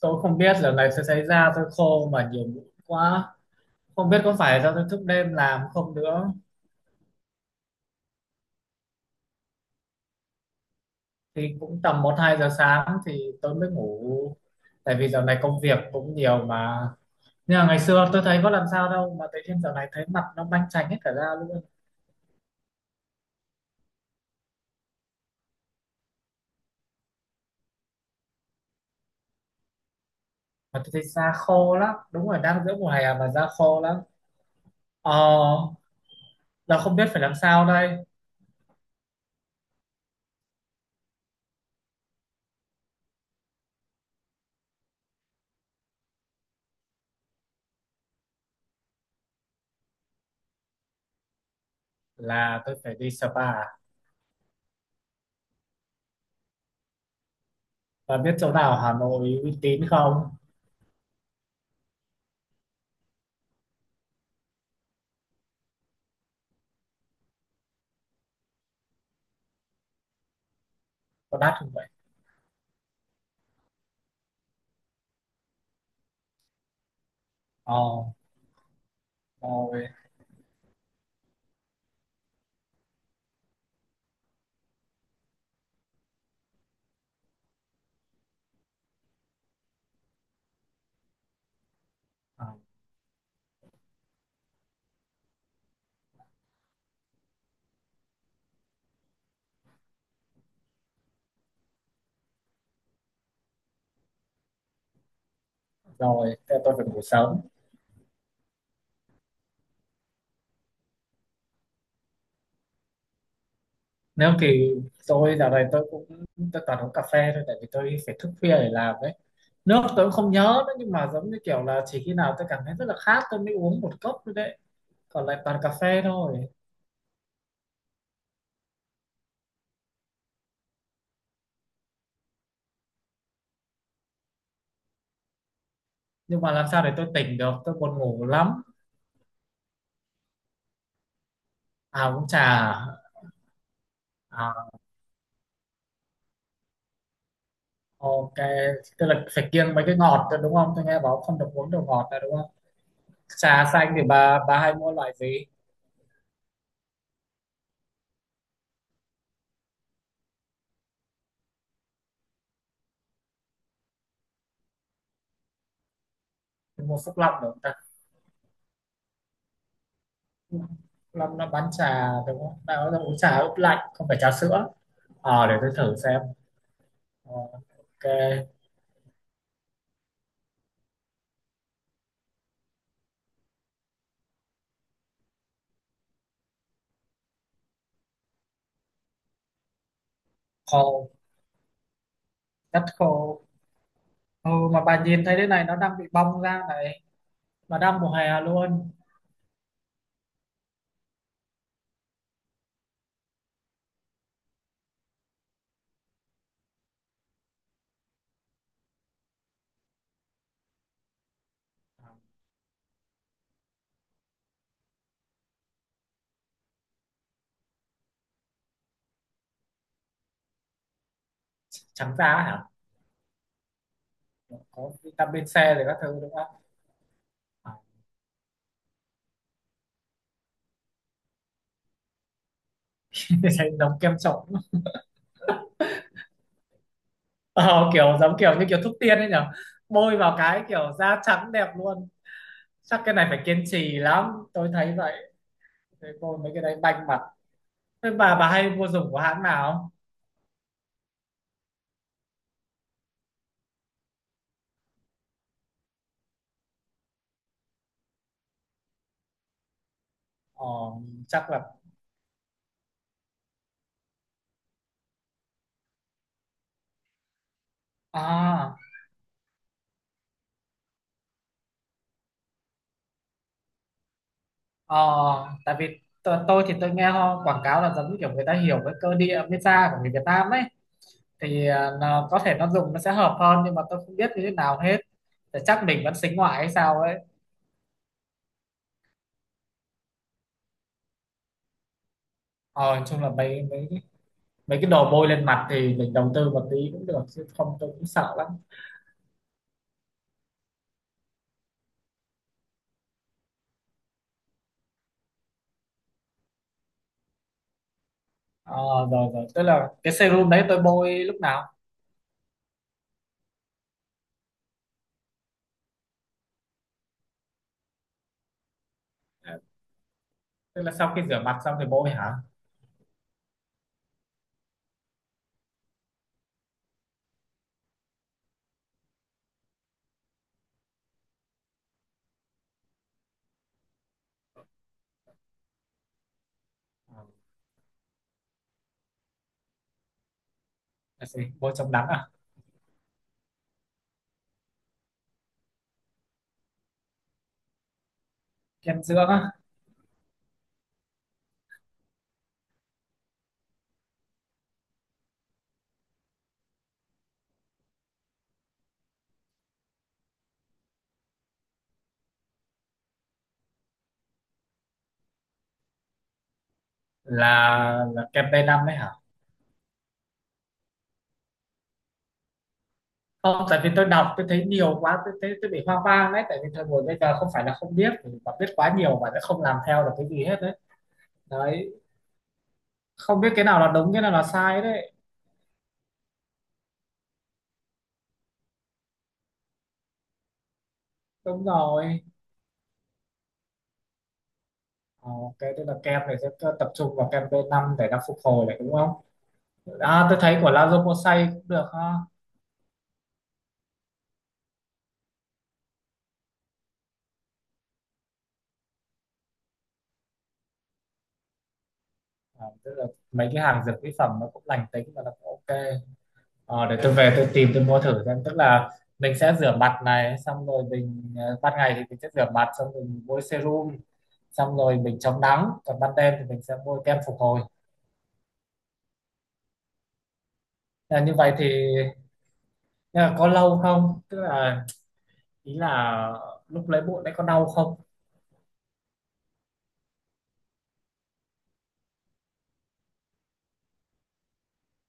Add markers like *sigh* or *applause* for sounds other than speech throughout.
Tôi không biết là này sẽ xảy ra, tôi khô mà nhiều mũi quá, không biết có phải do tôi thức đêm làm không nữa. Thì cũng tầm một hai giờ sáng thì tôi mới ngủ, tại vì giờ này công việc cũng nhiều mà. Nhưng mà ngày xưa tôi thấy có làm sao đâu mà tự nhiên giờ này thấy mặt nó banh chành hết cả da luôn. Mà tôi thấy da khô lắm, đúng rồi, đang giữa mùa hè mà da khô lắm. ờ Giờ không biết phải làm sao đây. Là tôi phải đi spa? Và biết chỗ nào Hà Nội uy tín không? Có đắt không vậy? ờ Rồi. À, rồi, thế là tôi phải ngủ sớm. Nếu thì Tôi dạo này tôi cũng, tôi toàn uống cà phê thôi, tại vì tôi phải thức khuya để làm đấy. Nước tôi cũng không nhớ nữa, nhưng mà giống như kiểu là chỉ khi nào tôi cảm thấy rất là khát tôi mới uống một cốc thôi đấy. Còn lại toàn cà phê thôi. Nhưng mà làm sao để tôi tỉnh được, tôi buồn ngủ lắm. À, uống trà à? À, ok, tức là phải kiêng mấy cái ngọt thôi, đúng không? Tôi nghe bảo không được uống đồ ngọt là đúng không? Trà xanh thì bà hay mua loại gì? Mua Phúc Long được? Nó bán trà đúng không? Nó uống trà ướp lạnh, không phải trà sữa. Ờ, để tôi thử xem. Ờ, ok. Khô. Rất khô. Ừ, mà bà nhìn thấy thế này, nó đang bị bong ra này. Mà đang mùa hè luôn. Trắng da hả? Có vitamin C rồi các thứ đúng không? Ờ, *laughs* thấy giống kem trộn. Ờ, kiểu giống kiểu như kiểu thuốc tiên ấy nhở. Bôi vào cái kiểu da trắng đẹp luôn. Chắc cái này phải kiên trì lắm tôi thấy vậy. Thế bôi mấy cái đấy banh mặt. Thế bà hay mua dùng của hãng nào? Ờ, chắc là, à, ờ, tại vì tôi thì tôi nghe họ quảng cáo là giống như kiểu người ta hiểu cái cơ địa pizza của người Việt Nam ấy. Thì à, nó, có thể nó dùng nó sẽ hợp hơn, nhưng mà tôi không biết như thế nào hết. Thì chắc mình vẫn xính ngoại hay sao ấy. Ờ, nói chung là mấy mấy mấy cái đồ bôi lên mặt thì mình đầu tư một tí cũng được, chứ không tôi cũng sợ lắm. Ờ, rồi rồi, tức là cái serum đấy tôi bôi lúc nào? À, tức là sau khi rửa mặt xong thì bôi hả? Ờ, là gì? Bôi chống nắng à? Kem dưỡng á? Là kem tây năm đấy hả? Không, tại vì tôi đọc tôi thấy nhiều quá, tôi thấy tôi bị hoang mang đấy, tại vì thời buổi bây giờ không phải là không biết, mà biết quá nhiều mà sẽ không làm theo được cái gì hết đấy. Đấy. Không biết cái nào là đúng, cái nào là sai đấy. Đúng rồi. Ờ, ok, tức là kem này sẽ tập trung vào kem b năm để nó phục hồi này đúng không? À, tôi thấy của Lazomosay cũng được ha. À, tức là mấy cái hàng dược mỹ phẩm nó cũng lành tính và nó cũng ok. Ờ, để tôi về tôi tìm tôi mua thử xem. Tức là mình sẽ rửa mặt này, xong rồi mình ờ, ban ngày thì mình sẽ rửa mặt xong rồi mình bôi serum, xong rồi mình chống nắng, còn ban đêm thì mình sẽ bôi kem phục hồi. À, như vậy thì nhưng mà có lâu không, tức là ý là lúc lấy bụi đấy có đau không?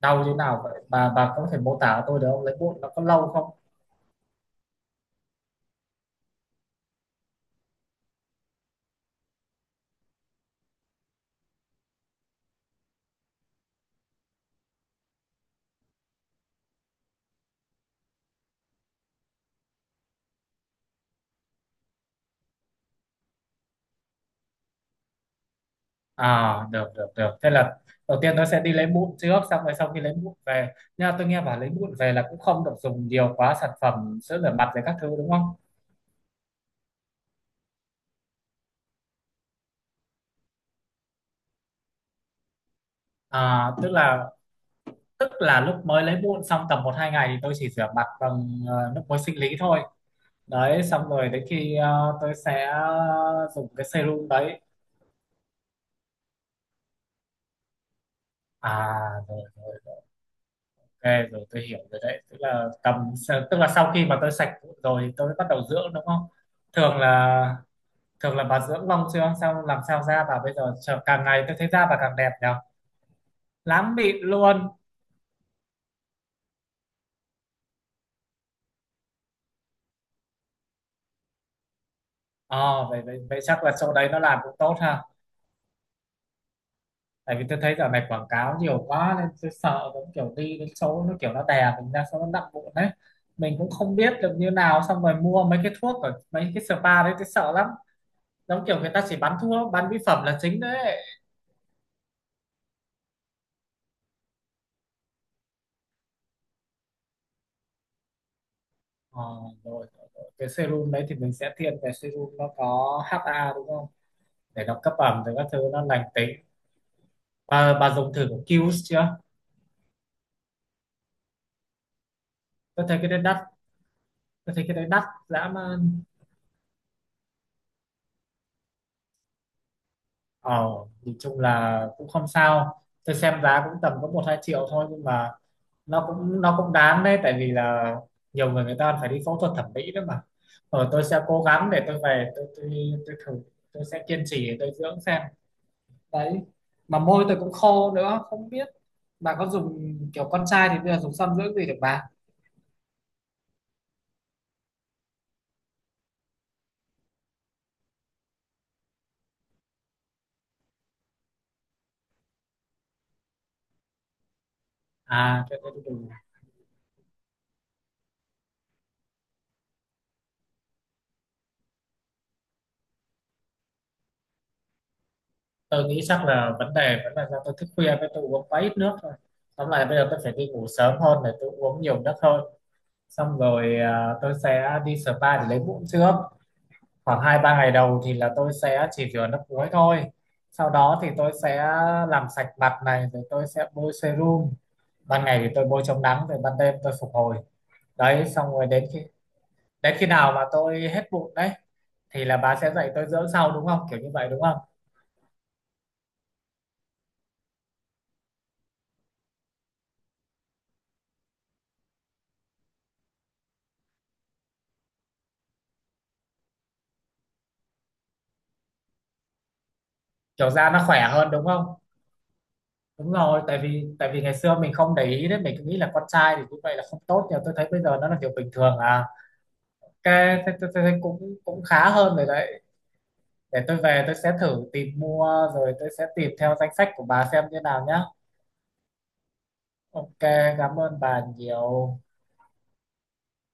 Đau như nào vậy bà? Có thể mô tả cho tôi được không? Lấy bụi nó có lâu không? À, được được được. Thế là đầu tiên nó sẽ đi lấy mụn trước, xong rồi sau khi lấy mụn về. Nhưng mà tôi nghe bảo lấy mụn về là cũng không được dùng nhiều quá sản phẩm sữa rửa mặt rồi các thứ đúng không? À, tức là lúc mới lấy mụn xong tầm một hai ngày thì tôi chỉ rửa mặt bằng ờ, nước muối sinh lý thôi. Đấy, xong rồi đến khi ờ, tôi sẽ dùng cái serum đấy. À, rồi rồi, ok rồi, tôi hiểu rồi đấy. Tức là tầm, tức là sau khi mà tôi sạch mụn rồi thì tôi bắt đầu dưỡng đúng không? Thường là, thường là bà dưỡng lông chưa sao làm sao da bà bây giờ càng ngày tôi thấy da bà càng đẹp nhở. Lắm mịn luôn. Ờ vậy, vậy vậy chắc là chỗ đấy nó làm cũng tốt ha. Tại vì tôi thấy giờ này quảng cáo nhiều quá nên tôi sợ giống kiểu đi đến chỗ nó kiểu nó đè mình ra xong nó nặng bụng đấy. Mình cũng không biết được như nào, xong rồi mua mấy cái thuốc ở mấy cái spa đấy tôi sợ lắm. Giống kiểu người ta chỉ bán thuốc bán mỹ phẩm là chính đấy. Ờ, rồi, rồi, rồi. Cái serum đấy thì mình sẽ thiên về serum nó có HA đúng không? Để nó cấp ẩm rồi các thứ, nó lành tính. Bà dùng thử của Qs chưa? Tôi thấy cái đấy đắt. Tôi thấy cái đấy đắt dã man. Ờ, nhìn chung là cũng không sao, tôi xem giá cũng tầm có một hai triệu thôi, nhưng mà nó cũng đáng đấy, tại vì là nhiều người, người ta phải đi phẫu thuật thẩm mỹ đó mà. Ờ, tôi sẽ cố gắng để tôi về tôi thử. Tôi sẽ kiên trì để tôi dưỡng xem. Đấy. Mà môi tôi cũng khô nữa không biết. Bà có dùng kiểu con trai thì bây giờ dùng son dưỡng gì được bà? À, cho tôi đi. Tôi nghĩ chắc là vấn đề vẫn là do tôi thức khuya với tôi uống quá ít nước thôi. Tóm lại bây giờ tôi phải đi ngủ sớm hơn để tôi uống nhiều nước hơn. Xong rồi à, tôi sẽ đi spa để lấy mụn trước. Khoảng hai ba ngày đầu thì là tôi sẽ chỉ rửa nước muối thôi. Sau đó thì tôi sẽ làm sạch mặt này rồi tôi sẽ bôi serum. Ban ngày thì tôi bôi chống nắng, rồi ban đêm tôi phục hồi. Đấy, xong rồi đến khi, đến khi nào mà tôi hết mụn đấy thì là bà sẽ dạy tôi dưỡng sau đúng không, kiểu như vậy đúng không? Kiểu da nó khỏe hơn đúng không? Đúng rồi, tại vì ngày xưa mình không để ý đấy, mình cứ nghĩ là con trai thì như vậy là không tốt, nhưng mà tôi thấy bây giờ nó là điều bình thường à. Cái thế, thế, thế, thế cũng cũng khá hơn rồi đấy. Để tôi về tôi sẽ thử tìm mua rồi tôi sẽ tìm theo danh sách của bà xem như nào nhá. Ok. Cảm ơn bà nhiều.